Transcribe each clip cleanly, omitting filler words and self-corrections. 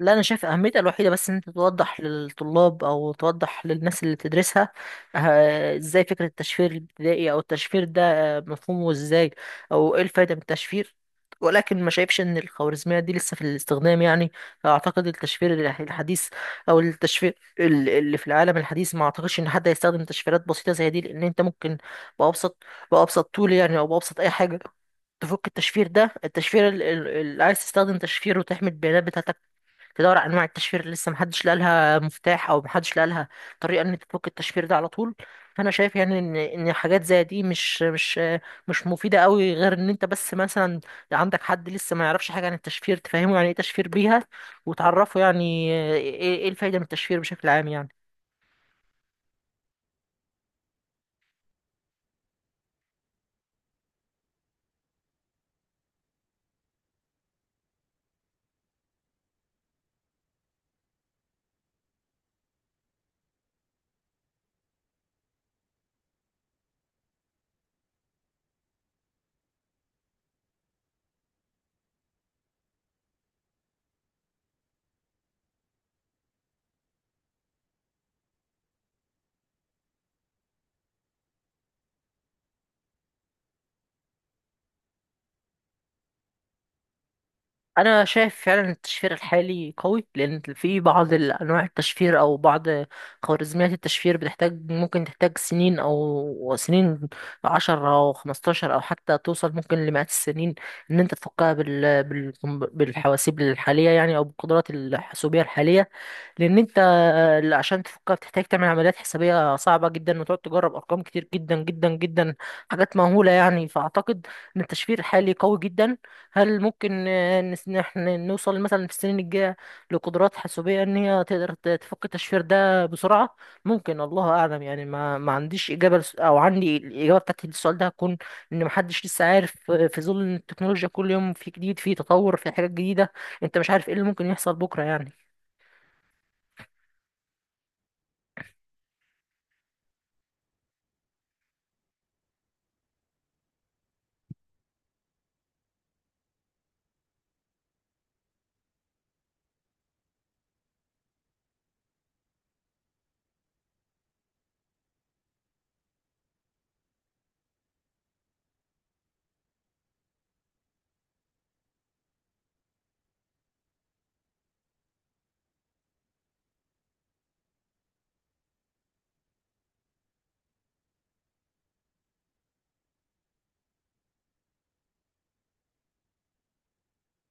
لا، انا شايف اهميتها الوحيده بس ان انت توضح للطلاب او توضح للناس اللي بتدرسها. ازاي فكره التشفير الابتدائي او التشفير ده مفهومه ازاي؟ او ايه الفايده من التشفير؟ ولكن ما شايفش ان الخوارزميه دي لسه في الاستخدام يعني. اعتقد التشفير الحديث، او التشفير اللي في العالم الحديث، ما اعتقدش ان حد هيستخدم تشفيرات بسيطه زي دي، لان انت ممكن بابسط بابسط طول يعني، او بابسط اي حاجه تفك التشفير ده. التشفير اللي عايز تستخدم تشفير وتحمي البيانات بتاعتك، تدور على انواع التشفير اللي لسه محدش لقى لها مفتاح، او محدش لقى لها طريقه ان انت تفك التشفير ده على طول. فانا شايف يعني ان حاجات زي دي مش مفيده قوي، غير ان انت بس مثلا عندك حد لسه ما يعرفش حاجه عن التشفير تفهمه يعني ايه تشفير بيها، وتعرفه يعني ايه إيه الفايده من التشفير بشكل عام يعني. انا شايف فعلا التشفير الحالي قوي، لان في بعض انواع التشفير، او بعض خوارزميات التشفير بتحتاج، ممكن تحتاج سنين، او سنين 10 او 15، او حتى توصل ممكن لمئات السنين، ان انت تفكها بالحواسيب الحاليه يعني، او بالقدرات الحاسوبيه الحاليه. لان انت، عشان تفكها بتحتاج تعمل عمليات حسابيه صعبه جدا، وتقعد تجرب ارقام كتير جدا جدا جدا، حاجات مهوله يعني. فاعتقد ان التشفير الحالي قوي جدا. هل ممكن نحن نوصل مثلا في السنين الجاية لقدرات حاسوبية ان هي تقدر تفك التشفير ده بسرعة؟ ممكن. الله اعلم يعني. ما عنديش اجابة، او عندي الاجابة بتاعت السؤال ده، هتكون ان محدش لسه عارف. في ظل ان التكنولوجيا كل يوم في جديد، في تطور، في حاجات جديدة، انت مش عارف ايه اللي ممكن يحصل بكرة يعني.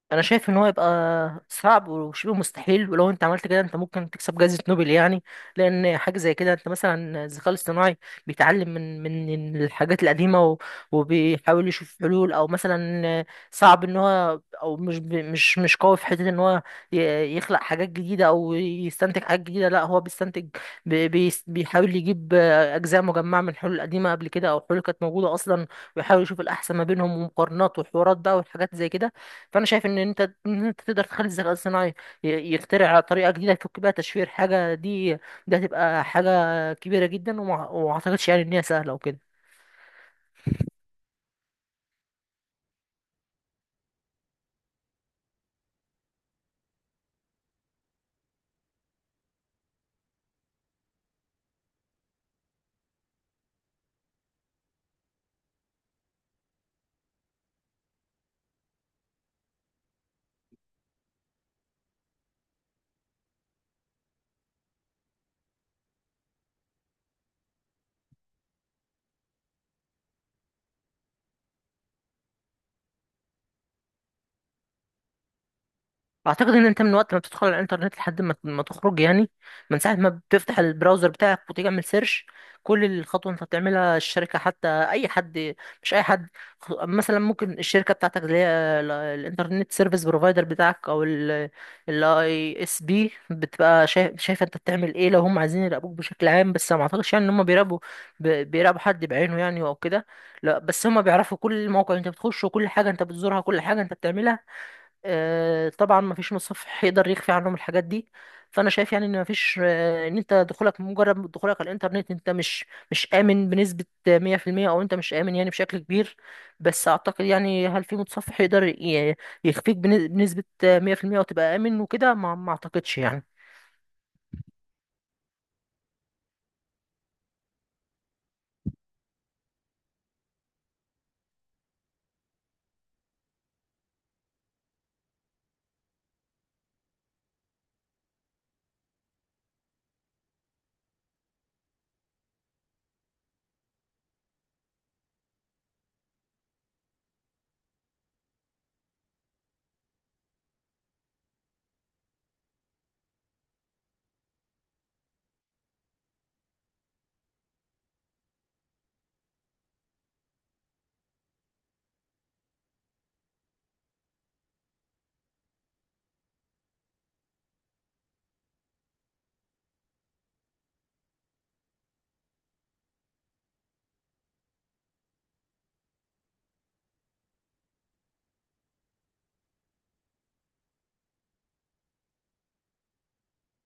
انا شايف ان هو يبقى صعب وشبه مستحيل، ولو انت عملت كده انت ممكن تكسب جائزة نوبل يعني. لان حاجة زي كده، انت مثلا الذكاء الاصطناعي بيتعلم من الحاجات القديمة وبيحاول يشوف حلول، او مثلا صعب ان هو، او مش ب- مش مش قوي في حتة ان هو يخلق حاجات جديدة او يستنتج حاجات جديدة. لا، هو بيستنتج، بيحاول يجيب اجزاء مجمعة من حلول قديمة قبل كده، او حلول كانت موجودة اصلا، ويحاول يشوف الاحسن ما بينهم، ومقارنات وحوارات بقى وحاجات زي كده. فانا شايف ان انت، ان انت تقدر تخلي الذكاء الصناعي يخترع طريقه جديده يفك بيها تشفير حاجه دي، ده هتبقى حاجه كبيره جدا، وما اعتقدش يعني ان هي سهله وكده. اعتقد ان انت من وقت ما بتدخل على الانترنت لحد ما تخرج يعني، من ساعه ما بتفتح البراوزر بتاعك وتعمل سيرش، كل الخطوه انت بتعملها الشركه، حتى اي حد، مش اي حد، مثلا ممكن الشركه بتاعتك اللي هي الانترنت سيرفيس بروفايدر بتاعك، او الاي اس بي، بتبقى شايفه انت بتعمل ايه لو هم عايزين يراقبوك بشكل عام. بس ما اعتقدش يعني ان هم بيراقبوا، بيراقبوا حد بعينه يعني او كده. لا، بس هم بيعرفوا كل موقع انت بتخشه، وكل حاجه انت بتزورها، كل حاجه انت بتعملها. طبعا، مفيش مصحف هيقدر يخفي عنهم الحاجات دي. فانا شايف يعني ان مفيش، ان انت دخولك، مجرد دخولك على الانترنت، انت مش امن بنسبة 100%، او انت مش امن يعني بشكل كبير. بس اعتقد يعني، هل في متصفح يقدر يخفيك بنسبة 100% وتبقى امن وكده؟ ما اعتقدش يعني.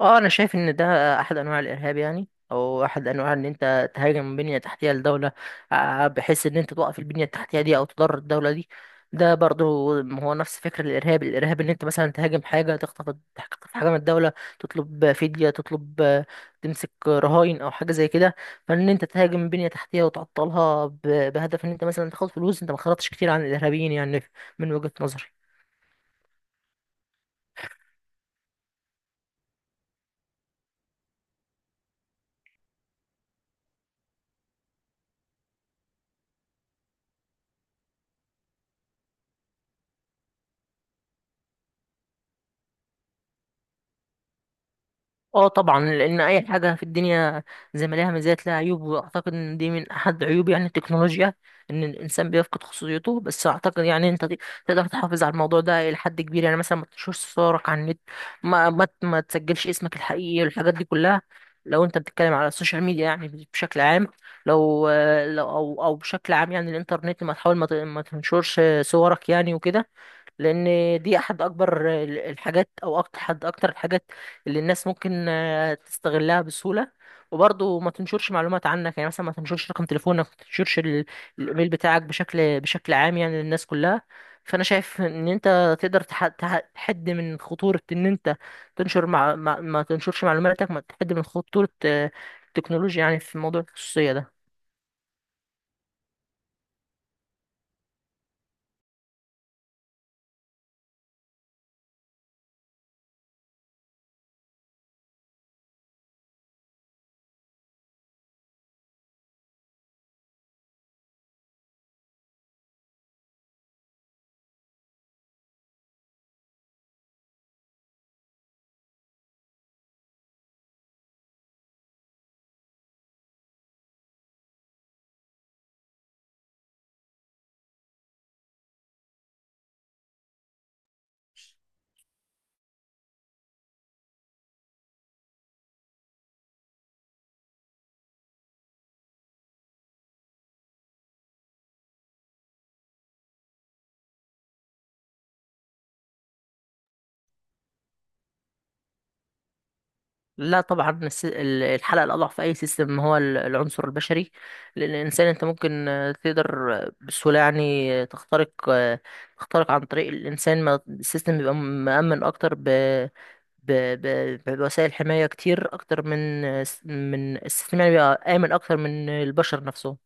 اه، انا شايف ان ده احد انواع الارهاب يعني، او احد انواع ان انت تهاجم بنية تحتية لدولة، بحيث ان انت توقف البنية التحتية دي، او تضر الدولة دي. ده برضه هو نفس فكرة الارهاب ان انت مثلا تهاجم حاجة، تخطف حاجة من الدولة، تطلب فدية، تطلب آه، تمسك رهائن، او حاجة زي كده. فان انت تهاجم بنية تحتية وتعطلها بهدف ان انت مثلا تاخد فلوس، انت ما خرجتش كتير عن الارهابيين يعني، من وجهة نظري. اه طبعا، لان اي حاجه في الدنيا زي ما ليها مزايا لها عيوب، واعتقد ان دي من احد عيوب يعني التكنولوجيا، ان الانسان بيفقد خصوصيته. بس اعتقد يعني انت تقدر تحافظ على الموضوع ده الى حد كبير يعني. مثلا ما تنشرش صورك على النت، ما تسجلش اسمك الحقيقي والحاجات دي كلها، لو انت بتتكلم على السوشيال ميديا يعني بشكل عام. لو لو او او بشكل عام يعني الانترنت، ما تحاول، ما تنشرش صورك يعني وكده، لان دي احد اكبر الحاجات، او أكتر، احد اكتر الحاجات اللي الناس ممكن تستغلها بسهولة. وبرضه ما تنشرش معلومات عنك، يعني مثلا ما تنشرش رقم تليفونك، ما تنشرش الايميل بتاعك بشكل عام يعني للناس كلها. فانا شايف ان انت تقدر تحد من خطورة ان انت تنشر، مع ما, ما تنشرش معلوماتك، ما تحد من خطورة التكنولوجيا يعني في موضوع الخصوصية ده. لا طبعا، الحلقة الأضعف في أي سيستم هو العنصر البشري. لأن الإنسان، أنت ممكن تقدر بسهولة يعني تخترق، تخترق عن طريق الإنسان. ما السيستم بيبقى مأمن أكتر ب ب ب بوسائل حماية كتير أكتر من، من السيستم يعني بيبقى آمن أكتر من البشر نفسهم.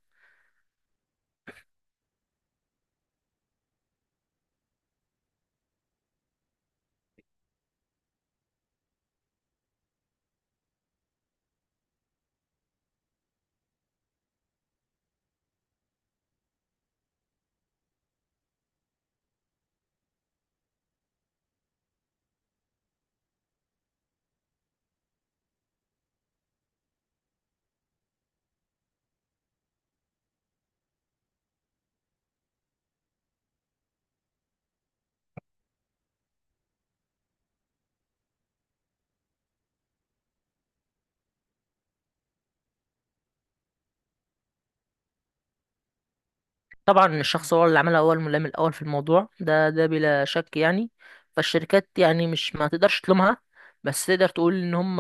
طبعا الشخص هو اللي عملها، هو الملام الاول في الموضوع ده بلا شك يعني. فالشركات يعني، مش ما تقدرش تلومها، بس تقدر تقول ان هم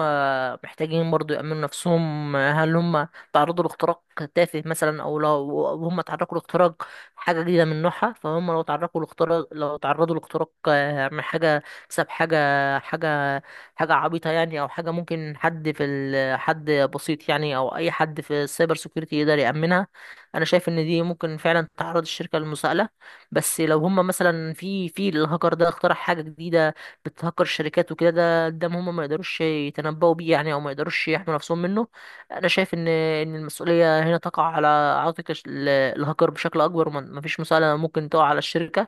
محتاجين برضو يأمنوا نفسهم. هل هم تعرضوا لاختراق تافه مثلا، او لو أو هم تعرضوا لاختراق حاجه جديده من نوعها؟ فهم لو تعرضوا لاختراق، لو تعرضوا لاختراق من حاجه، بسبب حاجه حاجه عبيطه يعني، او حاجه ممكن حد حد بسيط يعني، او اي حد في السايبر سيكيورتي يقدر يأمنها. انا شايف ان دي ممكن فعلا تعرض الشركه للمساءله. بس لو هم مثلا، في الهاكر ده اخترع حاجه جديده بتهكر الشركات وكده، ده قدام هم ما يقدروش يتنبؤوا بيه يعني، او ما يقدروش يحموا نفسهم منه. انا شايف ان ان المسؤوليه هنا تقع على عاتق الهاكر بشكل اكبر، وما فيش مساءله ممكن تقع على الشركه.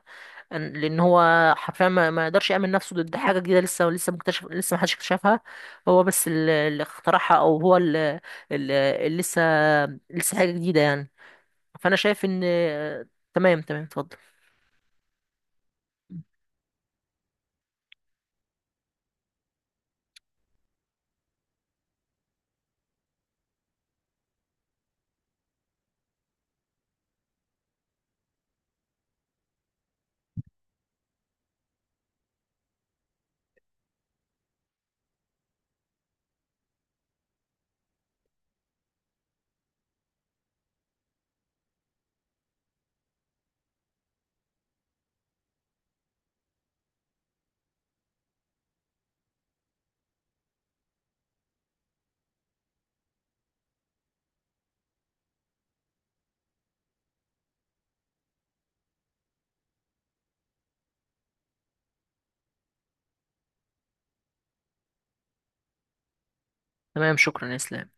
لان هو حرفيا ما يقدرش يامن نفسه ضد حاجه جديده لسه، لسه مكتشف، لسه ما حدش اكتشفها. هو بس اللي اخترعها، اللي لسه، لسه حاجه جديده يعني. فانا شايف ان. تمام تمام، اتفضل. تمام، شكرا يا اسلام.